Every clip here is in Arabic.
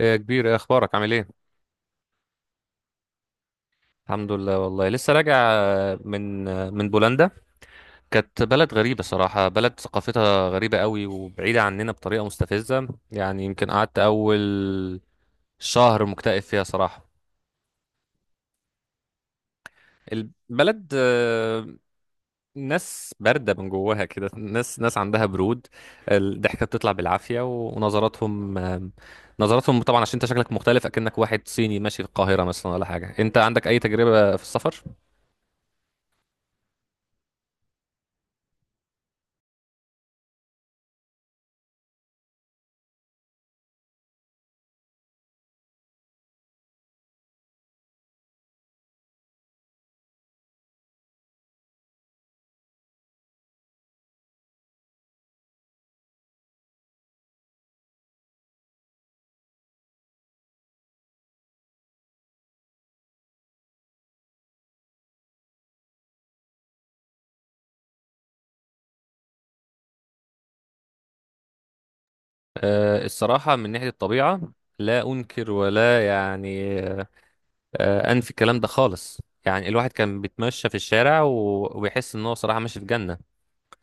إيه يا كبير، إيه اخبارك، عامل ايه؟ الحمد لله، والله لسه راجع من بولندا. كانت بلد غريبة صراحة، بلد ثقافتها غريبة قوي وبعيدة عننا بطريقة مستفزة، يعني يمكن قعدت اول شهر مكتئب فيها صراحة. البلد ناس باردة من جواها كده، ناس ناس عندها برود. الضحكة بتطلع بالعافية، ونظراتهم آه، نظراتهم طبعا عشان انت شكلك مختلف، اكنك واحد صيني ماشي في القاهرة مثلا ولا حاجة. انت عندك اي تجربة في السفر؟ الصراحة من ناحية الطبيعة، لا أنكر ولا يعني أنفي الكلام ده خالص. يعني الواحد كان بيتمشى في الشارع و- وبيحس إن هو صراحة ماشي في جنة،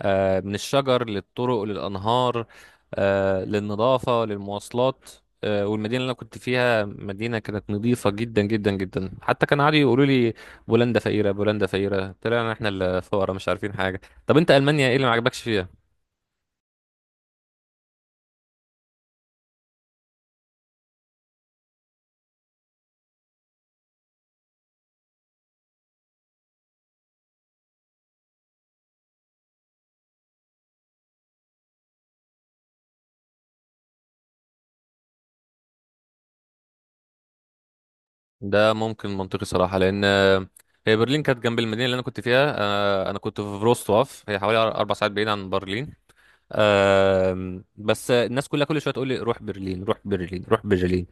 من الشجر للطرق للأنهار، للنظافة للمواصلات. والمدينة اللي أنا كنت فيها، مدينة كانت نظيفة جدا جدا جدا. حتى كان عادي يقولوا لي بولندا فقيرة، بولندا فقيرة، طلعنا إحنا اللي فقراء مش عارفين حاجة. طب أنت ألمانيا إيه اللي ما عجبكش فيها؟ ده ممكن منطقي صراحة لأن هي برلين كانت جنب المدينة اللي أنا كنت فيها. أنا كنت في فروستواف، هي حوالي 4 ساعات بعيد عن برلين. بس الناس كلها كل شوية تقول لي روح برلين، روح برلين، روح برلين.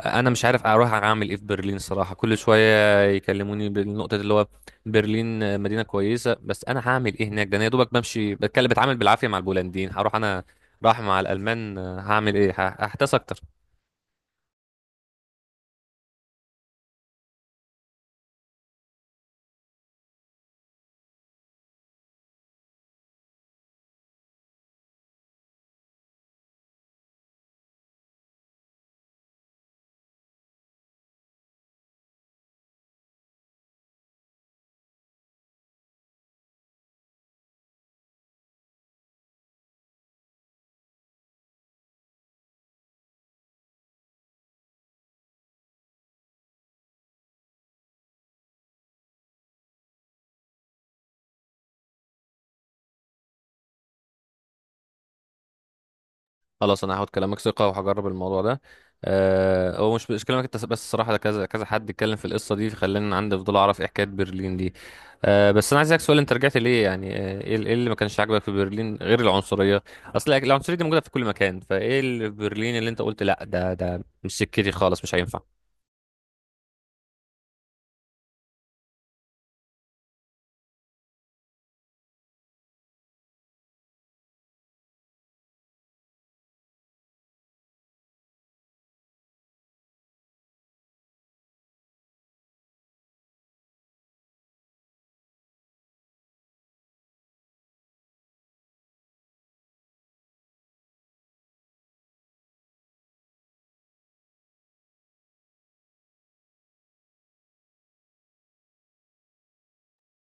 أنا مش عارف أروح أعمل إيه في برلين صراحة، كل شوية يكلموني بالنقطة اللي هو برلين مدينة كويسة، بس أنا هعمل إيه هناك؟ ده أنا يا دوبك بمشي بتكلم بتعامل بالعافية مع البولنديين، هروح أنا راح مع الألمان، هعمل إيه؟ هحتاس أكتر. خلاص انا هاخد كلامك ثقه وهجرب الموضوع ده. هو مش كلامك انت بس الصراحه، ده كذا كذا حد اتكلم في القصه دي فخلاني عندي فضول اعرف ايه حكايه برلين دي. بس انا عايز اسالك سؤال، انت رجعت ليه يعني؟ إيه اللي ما كانش عاجبك في برلين غير العنصريه؟ اصل العنصريه دي موجوده في كل مكان، فايه اللي في برلين اللي انت قلت لا، ده مش سكتي خالص، مش هينفع.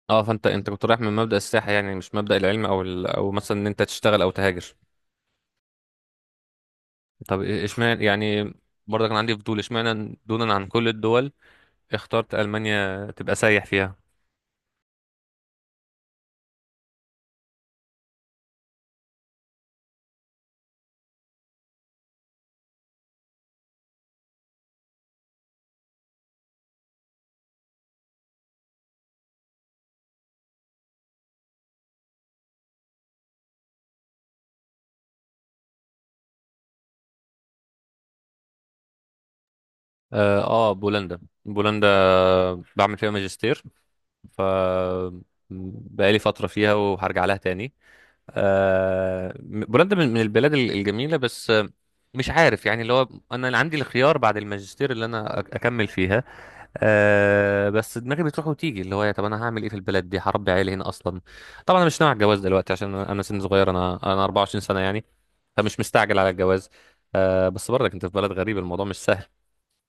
اه فانت كنت رايح من مبدا السياحه، يعني مش مبدا العلم او مثلا ان انت تشتغل او تهاجر. طب اشمعنى يعني؟ برضه كان عندي فضول، اشمعنى دونا عن كل الدول اخترت ألمانيا تبقى سايح فيها؟ اه، بولندا بولندا، بعمل فيها ماجستير. ف بقالي فترة فيها وهرجع لها تاني. آه، بولندا من البلاد الجميلة، بس مش عارف يعني، اللي هو انا اللي عندي الخيار بعد الماجستير اللي انا اكمل فيها. بس دماغي بتروح وتيجي، اللي هو يا طب انا هعمل ايه في البلد دي؟ هربي عيالي هنا اصلا؟ طبعا انا مش ناوي على الجواز دلوقتي عشان انا سن صغير، انا 24 سنة يعني، فمش مستعجل على الجواز. بس برضك انت في بلد غريب، الموضوع مش سهل.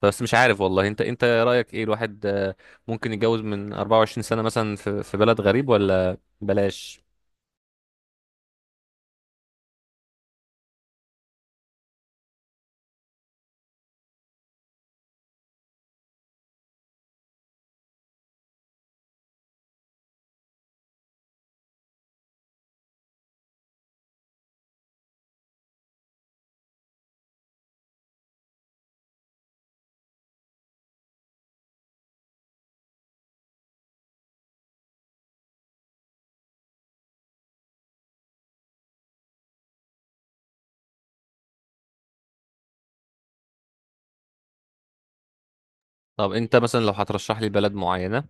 بس مش عارف والله، انت رأيك ايه؟ الواحد ممكن يتجوز من 24 سنة مثلا في بلد غريب ولا بلاش؟ طب انت مثلا لو هترشح لي بلد معينة،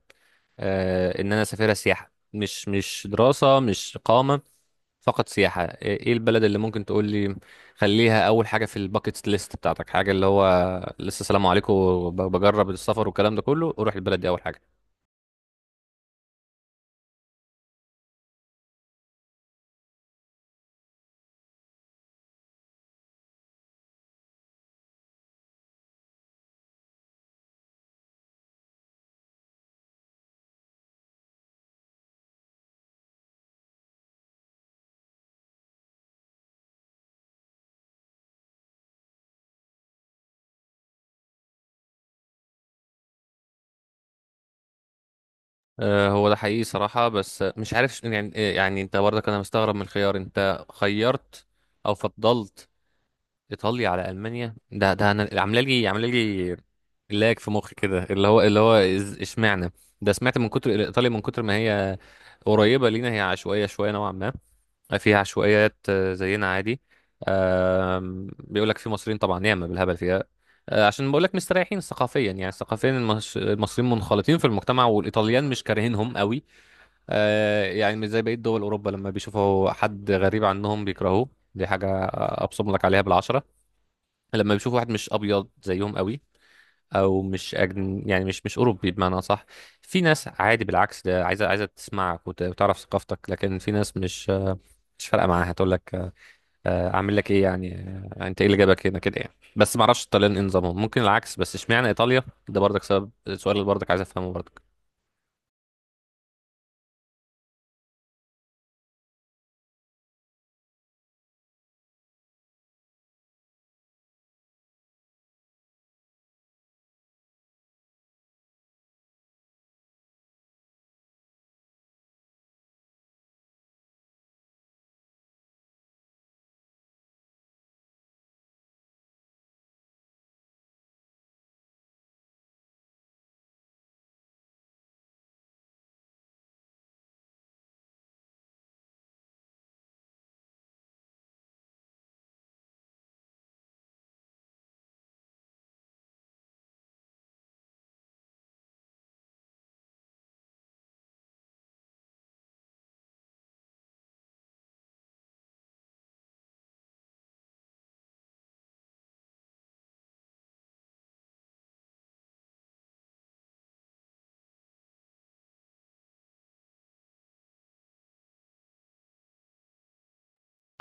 ان انا اسافرها سياحة، مش دراسة، مش إقامة، فقط سياحة، ايه البلد اللي ممكن تقول لي خليها اول حاجة في الباكيت ليست بتاعتك؟ حاجة اللي هو لسه سلام عليكم بجرب السفر والكلام ده كله، اروح البلد دي اول حاجة. هو ده حقيقي صراحة، بس مش عارف يعني، يعني انت برضك، انا مستغرب من الخيار، انت خيرت او فضلت ايطاليا على المانيا. ده انا عامله لي لاج في مخي كده، اللي هو اشمعنى؟ ده سمعت من كتر ايطاليا، من كتر ما هي قريبة لينا، هي عشوائية شوية نوعا ما، فيها عشوائيات زينا عادي. بيقول لك في مصريين طبعا ياما بالهبل فيها. عشان بقول لك مستريحين ثقافيا، يعني ثقافيا المصريين منخلطين في المجتمع والايطاليان مش كارهينهم قوي. يعني مش زي بقية دول أوروبا لما بيشوفوا حد غريب عنهم بيكرهوه. دي حاجة أبصم لك عليها بالعشرة. لما بيشوفوا واحد مش أبيض زيهم قوي، أو مش أجن يعني مش أوروبي بمعنى صح، في ناس عادي بالعكس، ده عايزة تسمعك وتعرف ثقافتك، لكن في ناس مش فارقة معاها. هتقول لك أعمل لك إيه يعني؟ أنت إيه اللي جابك هنا كده يعني؟ بس معرفش الطليان إيه نظامهم، ممكن العكس. بس إشمعنى إيطاليا؟ ده برضك سبب السؤال اللي برضك عايز أفهمه برضك.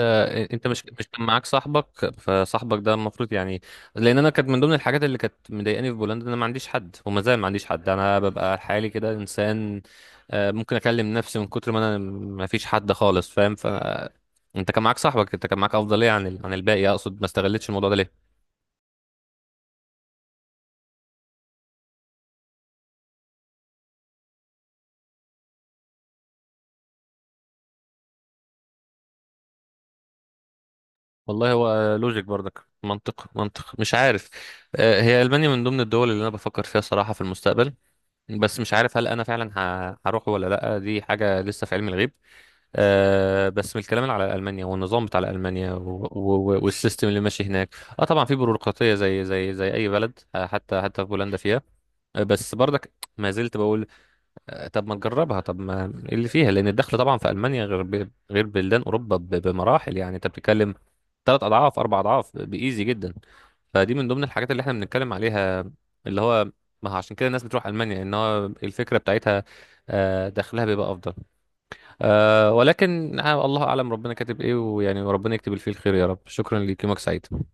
انت مش كان معاك صاحبك؟ فصاحبك ده المفروض يعني، لان انا كانت من ضمن الحاجات اللي كانت مضايقاني في بولندا ان انا ما عنديش حد، وما زال ما عنديش حد، انا ببقى حالي كده انسان. ممكن اكلم نفسي من كتر ما انا ما فيش حد خالص، فاهم؟ انت كان معاك صاحبك، انت كان معاك افضليه عن الباقي اقصد، ما استغلتش الموضوع ده ليه؟ والله هو لوجيك برضك، منطق منطق، مش عارف. هي المانيا من ضمن الدول اللي انا بفكر فيها صراحه في المستقبل، بس مش عارف هل انا فعلا هروح ولا لا. دي حاجه لسه في علم الغيب. بس من الكلام اللي على المانيا والنظام بتاع المانيا والسيستم اللي ماشي هناك، طبعا في بيروقراطيه زي اي بلد، حتى في بولندا فيها. بس برضك ما زلت بقول، طب ما نجربها، طب ما إيه اللي فيها؟ لان الدخل طبعا في المانيا غير غير بلدان اوروبا بمراحل، يعني انت بتتكلم 3 اضعاف 4 اضعاف، بايزي جدا. فدي من ضمن الحاجات اللي احنا بنتكلم عليها، اللي هو ما هو عشان كده الناس بتروح المانيا، ان هو الفكره بتاعتها دخلها بيبقى افضل. ولكن الله اعلم ربنا كاتب ايه، ويعني وربنا يكتب الفيل خير يا رب. شكرا ليك، يومك سعيد.